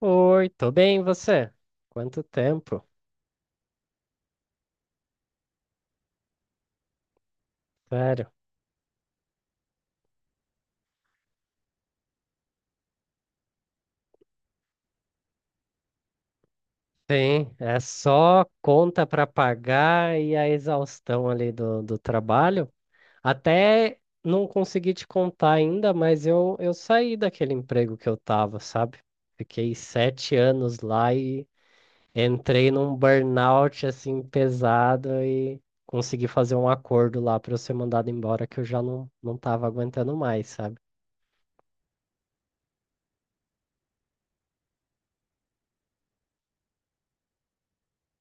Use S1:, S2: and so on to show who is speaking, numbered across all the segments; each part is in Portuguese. S1: Oi, tô bem, e você? Quanto tempo? Sério. Sim, é só conta para pagar e a exaustão ali do trabalho. Até não consegui te contar ainda, mas eu saí daquele emprego que eu tava, sabe? Fiquei 7 anos lá e entrei num burnout assim pesado e consegui fazer um acordo lá para eu ser mandado embora que eu já não tava aguentando mais, sabe?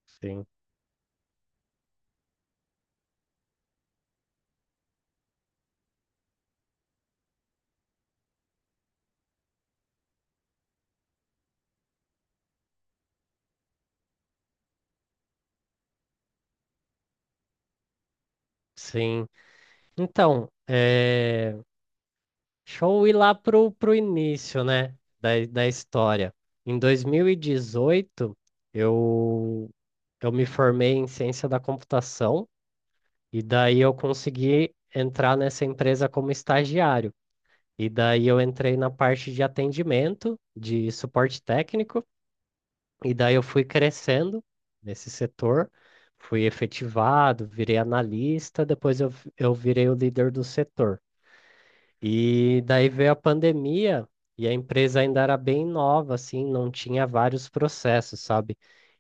S1: Sim. Sim. Então, deixa eu ir lá pro início, né, da história. Em 2018, eu, eu me formei em ciência da computação e daí eu consegui entrar nessa empresa como estagiário. E daí eu entrei na parte de atendimento, de suporte técnico, e daí eu fui crescendo nesse setor, fui efetivado, virei analista, eu virei o líder do setor. E daí veio a pandemia e a empresa ainda era bem nova, assim, não tinha vários processos, sabe?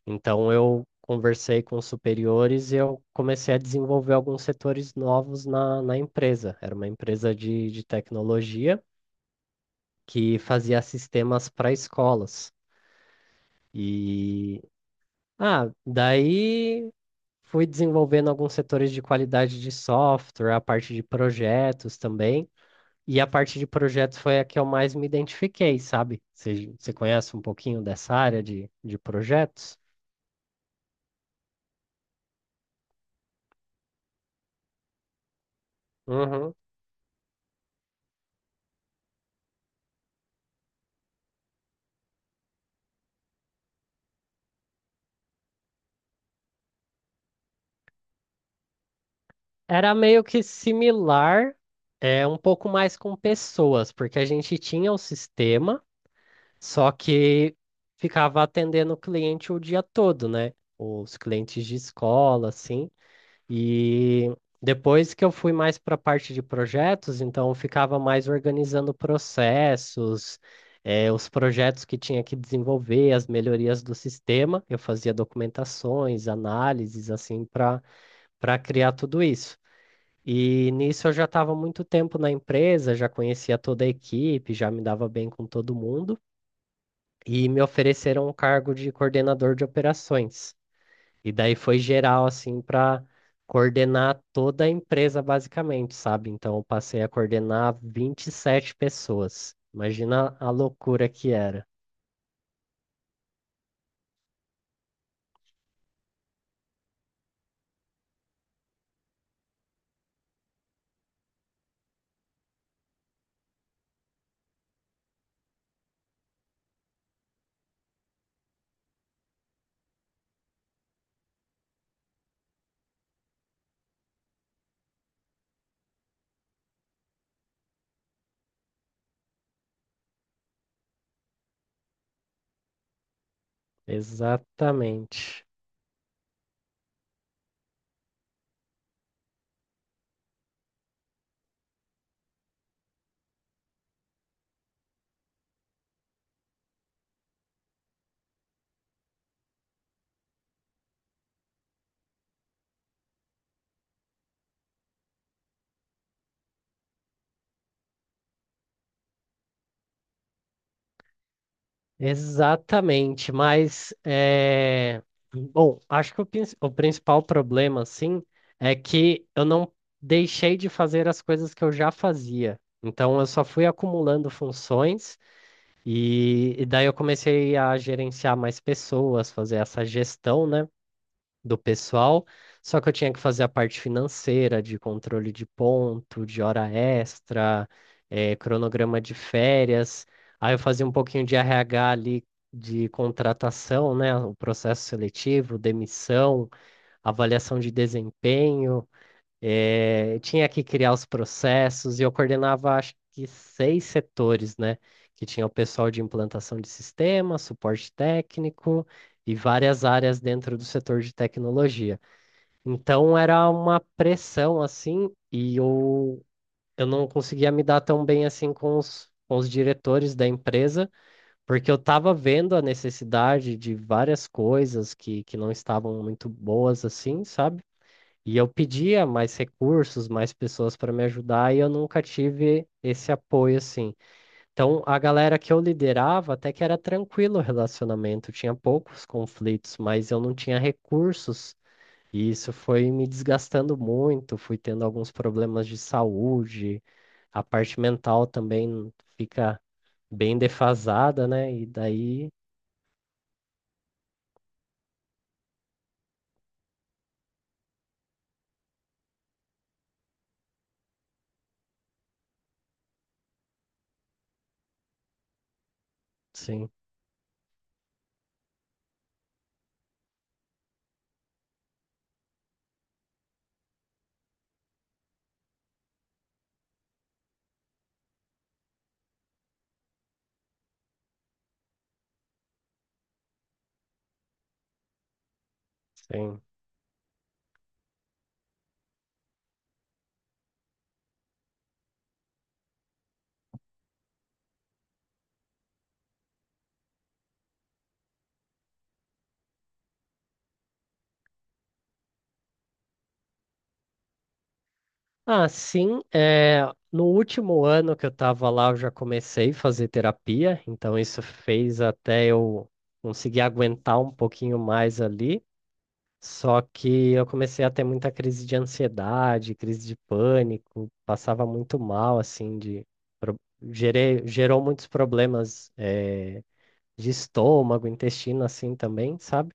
S1: Então eu conversei com os superiores e eu comecei a desenvolver alguns setores novos na empresa. Era uma empresa de tecnologia que fazia sistemas para escolas. E daí fui desenvolvendo alguns setores de qualidade de software, a parte de projetos também. E a parte de projetos foi a que eu mais me identifiquei, sabe? Você conhece um pouquinho dessa área de projetos? Uhum. Era meio que similar, é um pouco mais com pessoas, porque a gente tinha o sistema, só que ficava atendendo o cliente o dia todo, né? Os clientes de escola, assim. E depois que eu fui mais para a parte de projetos, então eu ficava mais organizando processos, os projetos que tinha que desenvolver, as melhorias do sistema. Eu fazia documentações, análises, assim, para criar tudo isso. E nisso eu já estava muito tempo na empresa, já conhecia toda a equipe, já me dava bem com todo mundo, e me ofereceram um cargo de coordenador de operações. E daí foi geral, assim, para coordenar toda a empresa, basicamente, sabe? Então, eu passei a coordenar 27 pessoas. Imagina a loucura que era. Exatamente. Exatamente. Mas, bom, acho que o principal problema, assim, é que eu não deixei de fazer as coisas que eu já fazia. Então, eu só fui acumulando funções. E daí eu comecei a gerenciar mais pessoas, fazer essa gestão, né, do pessoal. Só que eu tinha que fazer a parte financeira, de controle de ponto, de hora extra, cronograma de férias. Aí eu fazia um pouquinho de RH ali, de contratação, né, o processo seletivo, demissão, avaliação de desempenho. Tinha que criar os processos e eu coordenava, acho que seis setores, né? Que tinha o pessoal de implantação de sistema, suporte técnico e várias áreas dentro do setor de tecnologia. Então era uma pressão assim eu não conseguia me dar tão bem assim com com os diretores da empresa, porque eu estava vendo a necessidade de várias coisas que não estavam muito boas assim, sabe? E eu pedia mais recursos, mais pessoas para me ajudar, e eu nunca tive esse apoio assim. Então, a galera que eu liderava até que era tranquilo o relacionamento, tinha poucos conflitos, mas eu não tinha recursos, e isso foi me desgastando muito, fui tendo alguns problemas de saúde, a parte mental também fica bem defasada, né? E daí, sim, sim. Ah, sim. É, no último ano que eu estava lá, eu já comecei a fazer terapia, então isso fez até eu conseguir aguentar um pouquinho mais ali. Só que eu comecei a ter muita crise de ansiedade, crise de pânico, passava muito mal, assim, pro- gerou muitos problemas, de estômago, intestino, assim também, sabe?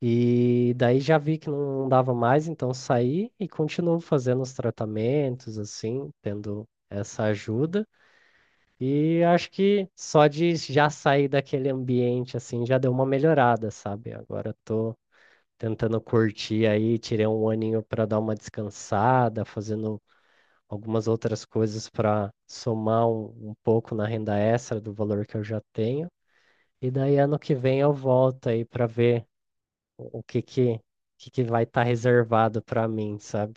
S1: E daí já vi que não dava mais, então saí e continuo fazendo os tratamentos, assim, tendo essa ajuda. E acho que só de já sair daquele ambiente, assim, já deu uma melhorada, sabe? Agora tô tentando curtir aí, tirei um aninho para dar uma descansada, fazendo algumas outras coisas para somar um pouco na renda extra do valor que eu já tenho. E daí ano que vem eu volto aí para ver o que que, que vai estar reservado para mim, sabe?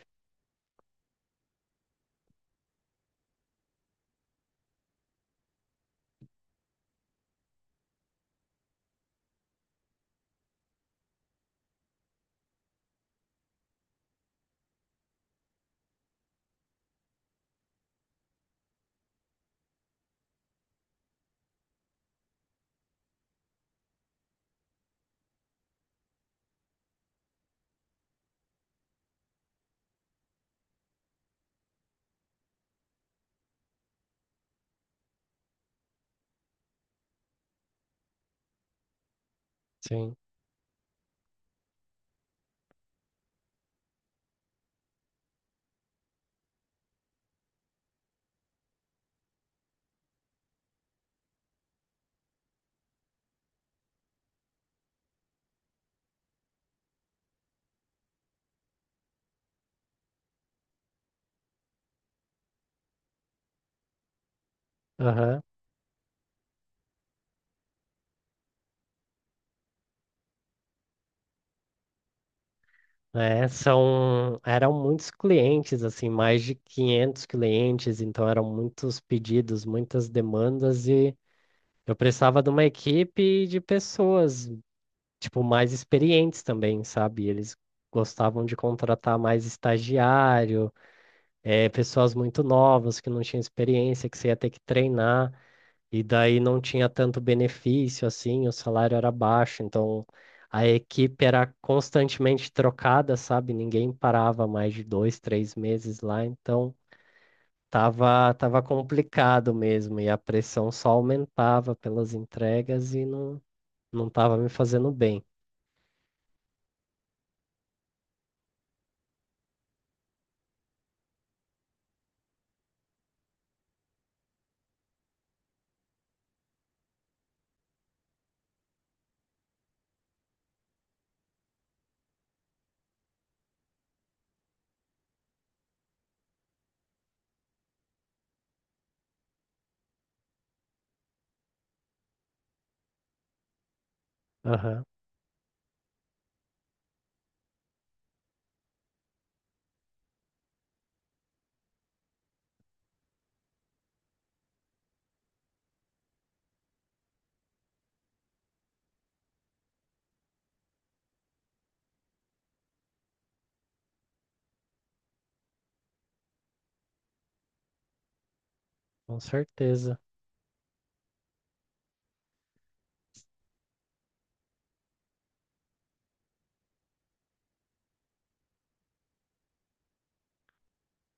S1: Sim. Aham. É, eram muitos clientes, assim, mais de 500 clientes, então eram muitos pedidos, muitas demandas e eu precisava de uma equipe de pessoas, tipo, mais experientes também, sabe? Eles gostavam de contratar mais estagiário, pessoas muito novas que não tinham experiência, que você ia ter que treinar. E daí não tinha tanto benefício assim, o salário era baixo, então a equipe era constantemente trocada, sabe? Ninguém parava mais de dois, três meses lá, então tava complicado mesmo, e a pressão só aumentava pelas entregas e não tava me fazendo bem. Aham, com certeza.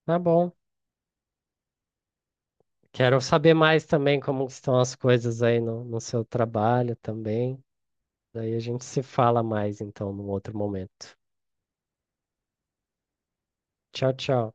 S1: Tá bom. Quero saber mais também como que estão as coisas aí no seu trabalho também. Daí a gente se fala mais então num outro momento. Tchau, tchau.